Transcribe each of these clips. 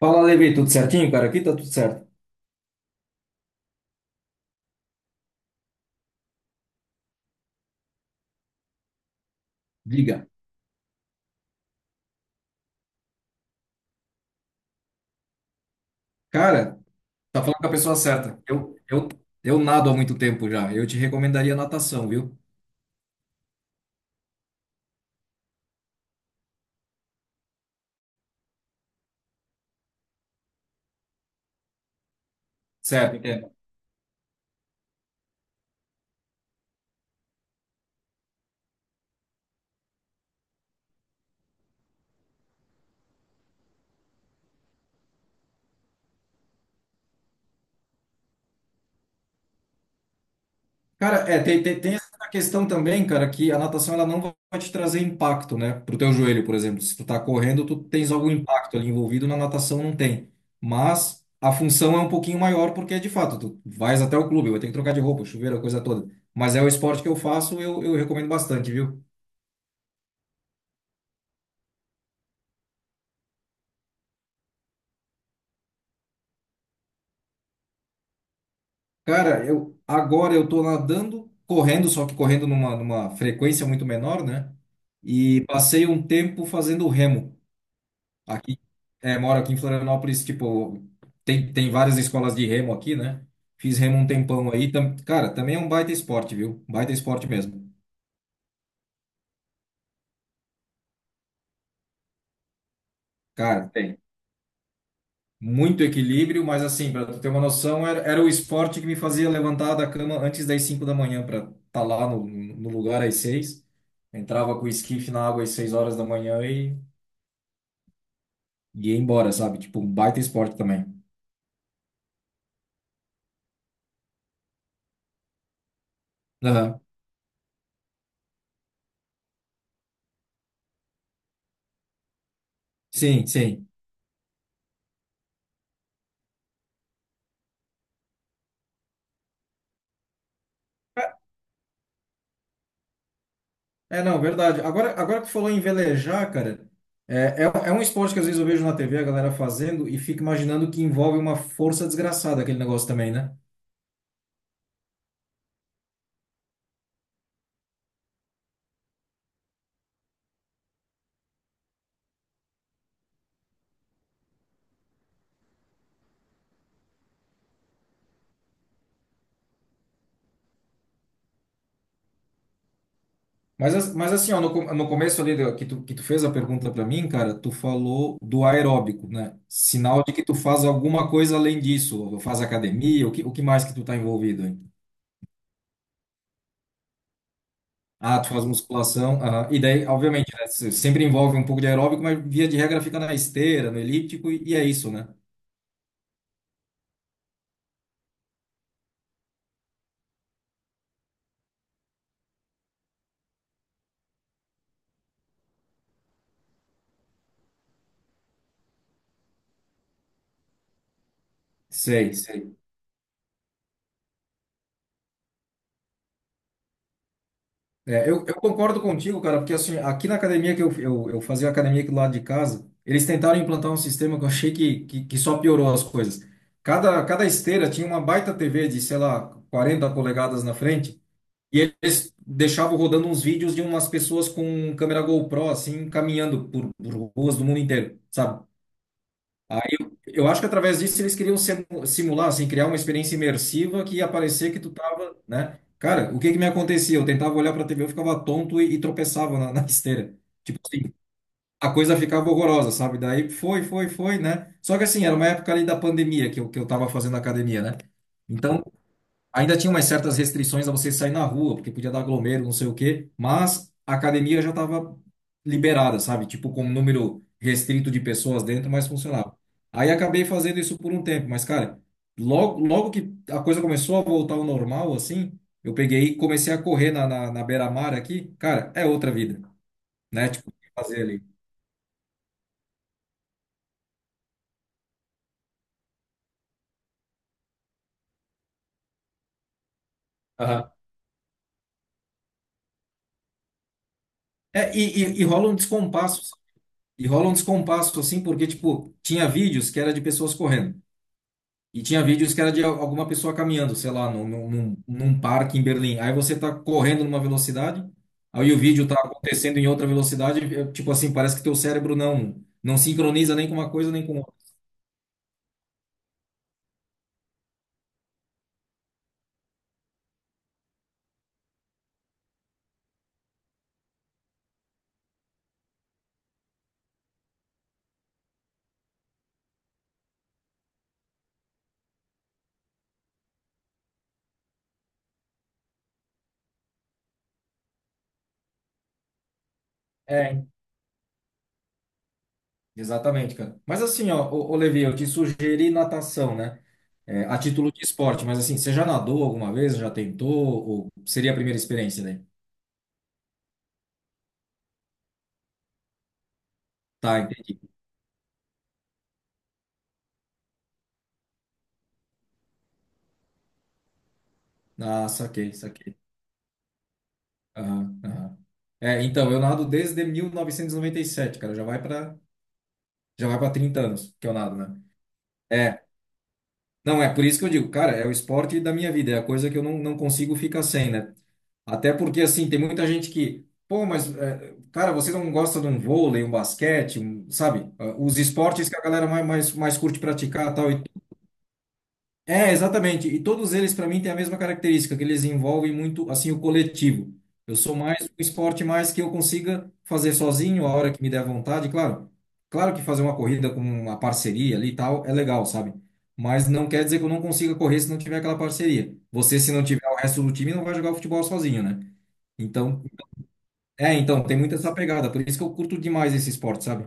Fala, Levi, tudo certinho, cara? Aqui tá tudo certo. Diga. Cara, tá falando com a pessoa certa. Eu nado há muito tempo já. Eu te recomendaria natação, viu? Certo, entendo. Cara, é, tem essa questão também, cara, que a natação ela não vai te trazer impacto, né? Pro teu joelho, por exemplo. Se tu tá correndo, tu tens algum impacto ali envolvido, na natação não tem. Mas a função é um pouquinho maior, porque de fato, tu vais até o clube, vai ter que trocar de roupa, chuveiro, a coisa toda. Mas é o esporte que eu faço, eu recomendo bastante, viu? Cara, eu agora eu tô nadando, correndo, só que correndo numa, frequência muito menor, né? E passei um tempo fazendo remo. Aqui, é, moro aqui em Florianópolis, tipo, tem várias escolas de remo aqui, né? Fiz remo um tempão aí. Cara, também é um baita esporte, viu? Baita esporte mesmo. Cara, tem muito equilíbrio, mas assim, para tu ter uma noção, era o esporte que me fazia levantar da cama antes das 5 da manhã para estar tá lá no lugar às 6. Entrava com o esquife na água às 6 horas da manhã e ia embora, sabe? Tipo, um baita esporte também. Aham. Sim, sim. É, não, verdade. Agora que tu falou em velejar, cara, é um esporte que às vezes eu vejo na TV a galera fazendo e fico imaginando que envolve uma força desgraçada aquele negócio também, né? Mas, mas assim, ó, no começo ali que tu fez a pergunta para mim, cara, tu falou do aeróbico, né? Sinal de que tu faz alguma coisa além disso. Ou faz academia, o que mais que tu tá envolvido aí? Ah, tu faz musculação, aham. E daí, obviamente, né, sempre envolve um pouco de aeróbico, mas via de regra fica na esteira, no elíptico, e é isso, né? Sei, sei. É, eu concordo contigo, cara, porque assim, aqui na academia que eu fazia academia aqui do lado de casa, eles tentaram implantar um sistema que eu achei que só piorou as coisas. Cada esteira tinha uma baita TV de, sei lá, 40 polegadas na frente, e eles deixavam rodando uns vídeos de umas pessoas com câmera GoPro, assim, caminhando por, ruas do mundo inteiro, sabe? Aí eu acho que através disso eles queriam simular, assim, criar uma experiência imersiva que ia parecer que tu tava, né? Cara, o que que me acontecia? Eu tentava olhar pra TV, eu ficava tonto e tropeçava na, esteira. Tipo assim, a coisa ficava horrorosa, sabe? Daí foi, né? Só que assim, era uma época ali da pandemia que eu tava fazendo academia, né? Então, ainda tinha umas certas restrições a você sair na rua, porque podia dar aglomero, não sei o quê, mas a academia já estava liberada, sabe? Tipo, com um número restrito de pessoas dentro, mas funcionava. Aí acabei fazendo isso por um tempo, mas, cara, logo, logo que a coisa começou a voltar ao normal, assim, eu peguei e comecei a correr na, na beira-mar aqui, cara, é outra vida, né? Tipo, fazer ali. Aham. É, e rola um descompasso, assim, porque, tipo, tinha vídeos que era de pessoas correndo. E tinha vídeos que era de alguma pessoa caminhando, sei lá, num, num parque em Berlim. Aí você tá correndo numa velocidade, aí o vídeo tá acontecendo em outra velocidade, é, tipo assim, parece que teu cérebro não sincroniza nem com uma coisa nem com outra. É, exatamente, cara. Mas assim, ó, ô Levi, eu te sugeri natação, né? É, a título de esporte, mas assim, você já nadou alguma vez? Já tentou? Ou seria a primeira experiência daí? Tá, entendi. Ah, saquei, saquei. Aham, aham. É, então, eu nado desde mil novecentos e noventa e sete, cara, já vai para. Já vai para 30 anos que eu nado, né? É. Não, é por isso que eu digo, cara, é o esporte da minha vida, é a coisa que eu não consigo ficar sem, né? Até porque, assim, tem muita gente que, pô, mas, é, cara, você não gosta de um vôlei, um basquete, sabe? Ah, os esportes que a galera mais curte praticar tal. E é, exatamente. E todos eles, para mim, têm a mesma característica, que eles envolvem muito, assim, o coletivo. Eu sou mais um esporte mais que eu consiga fazer sozinho, a hora que me der vontade, claro. Claro que fazer uma corrida com uma parceria ali e tal é legal, sabe? Mas não quer dizer que eu não consiga correr se não tiver aquela parceria. Você, se não tiver o resto do time, não vai jogar futebol sozinho, né? Então, então, tem muito essa pegada. Por isso que eu curto demais esse esporte, sabe?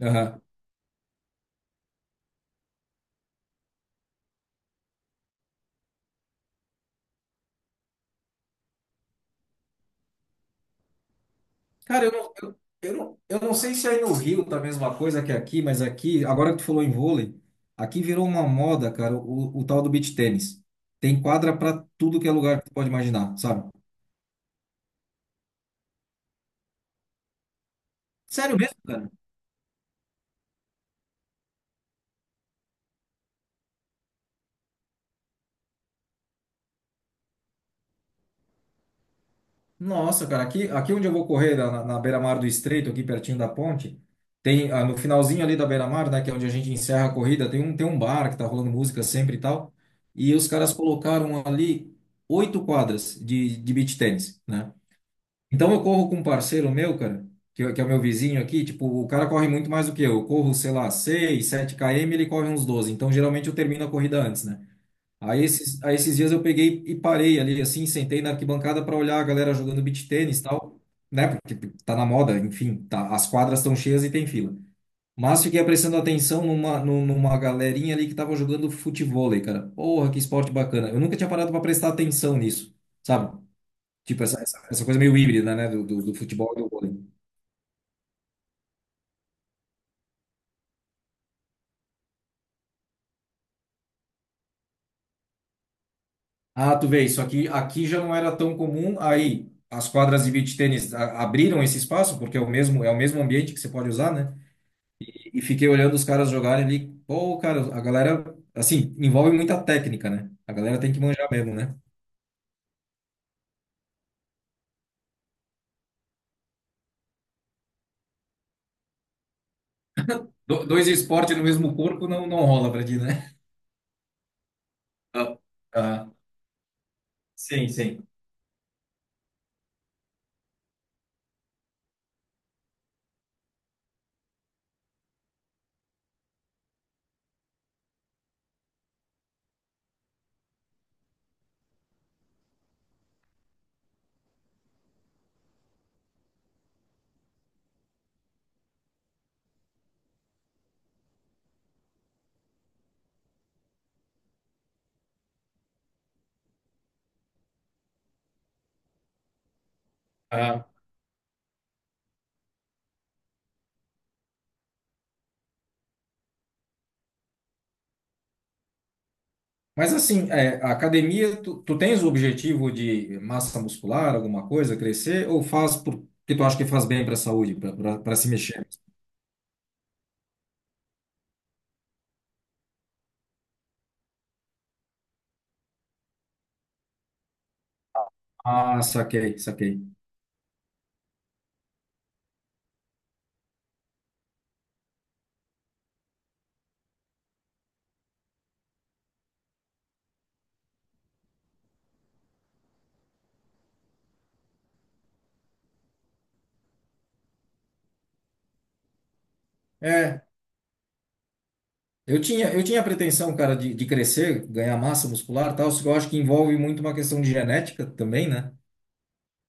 Aham. Cara, eu não sei se aí no Rio tá a mesma coisa que aqui, mas aqui, agora que tu falou em vôlei, aqui virou uma moda, cara, o tal do beach tênis. Tem quadra pra tudo que é lugar que tu pode imaginar, sabe? Sério mesmo, cara? Nossa, cara, aqui onde eu vou correr, na, beira-mar do Estreito, aqui pertinho da ponte, tem, no finalzinho ali da beira-mar, né, que é onde a gente encerra a corrida, tem um, bar que tá rolando música sempre e tal, e os caras colocaram ali 8 quadras de beach tênis, né? Então eu corro com um parceiro meu, cara, que é o meu vizinho aqui, tipo, o cara corre muito mais do que eu. Eu corro, sei lá, 6, 7 km, ele corre uns 12. Então geralmente eu termino a corrida antes, né? Aí esses dias eu peguei e parei ali, assim, sentei na arquibancada para olhar a galera jogando beach tênis e tal, né? Porque tá na moda, enfim, tá, as quadras estão cheias e tem fila. Mas fiquei prestando atenção numa, numa galerinha ali que tava jogando futevôlei, cara. Porra, que esporte bacana. Eu nunca tinha parado para prestar atenção nisso, sabe? Tipo, essa coisa meio híbrida, né? Do futebol e do vôlei. Ah, tu vê, isso aqui, já não era tão comum. Aí, as quadras de beach tênis abriram esse espaço, porque é o mesmo ambiente que você pode usar, né? E fiquei olhando os caras jogarem ali. Pô, cara, a galera, assim, envolve muita técnica, né? A galera tem que manjar mesmo, né? Dois esportes no mesmo corpo não rola pra ti, né? Ah, ah, sim, sim. Ah, mas assim, é, a academia, tu tens o objetivo de massa muscular, alguma coisa, crescer, ou faz porque tu acha que faz bem para a saúde, para se mexer? Ah, saquei, saquei. É, eu tinha a pretensão, cara, de, crescer, ganhar massa muscular e tal, só que eu acho que envolve muito uma questão de genética também, né?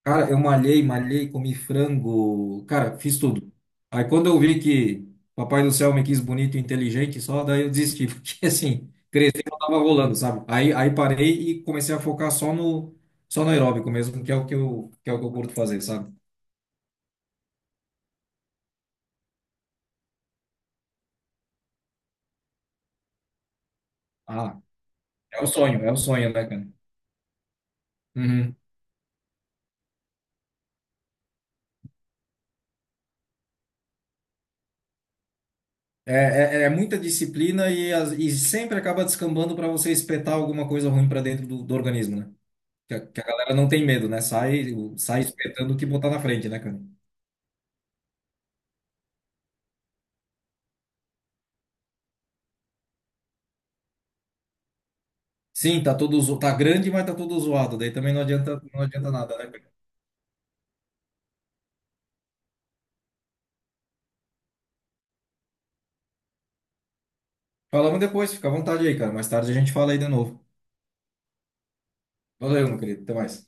Cara, eu malhei, malhei, comi frango, cara, fiz tudo. Aí quando eu vi que Papai do Céu me quis bonito e inteligente só, daí eu desisti, porque assim, crescer não tava rolando, sabe? Aí parei e comecei a focar só no, aeróbico mesmo, que é o que eu, que é o que eu curto fazer, sabe? Ah, é o sonho, né, cara? Uhum. É, é muita disciplina e, e sempre acaba descambando para você espetar alguma coisa ruim para dentro do organismo, né? Que a galera não tem medo, né? Sai, sai espetando o que botar na frente, né, cara? Sim, tá grande, mas tá todo zoado. Daí também não adianta, não adianta nada, né, cara? Falamos depois, fica à vontade aí, cara. Mais tarde a gente fala aí de novo. Valeu, meu querido. Até mais.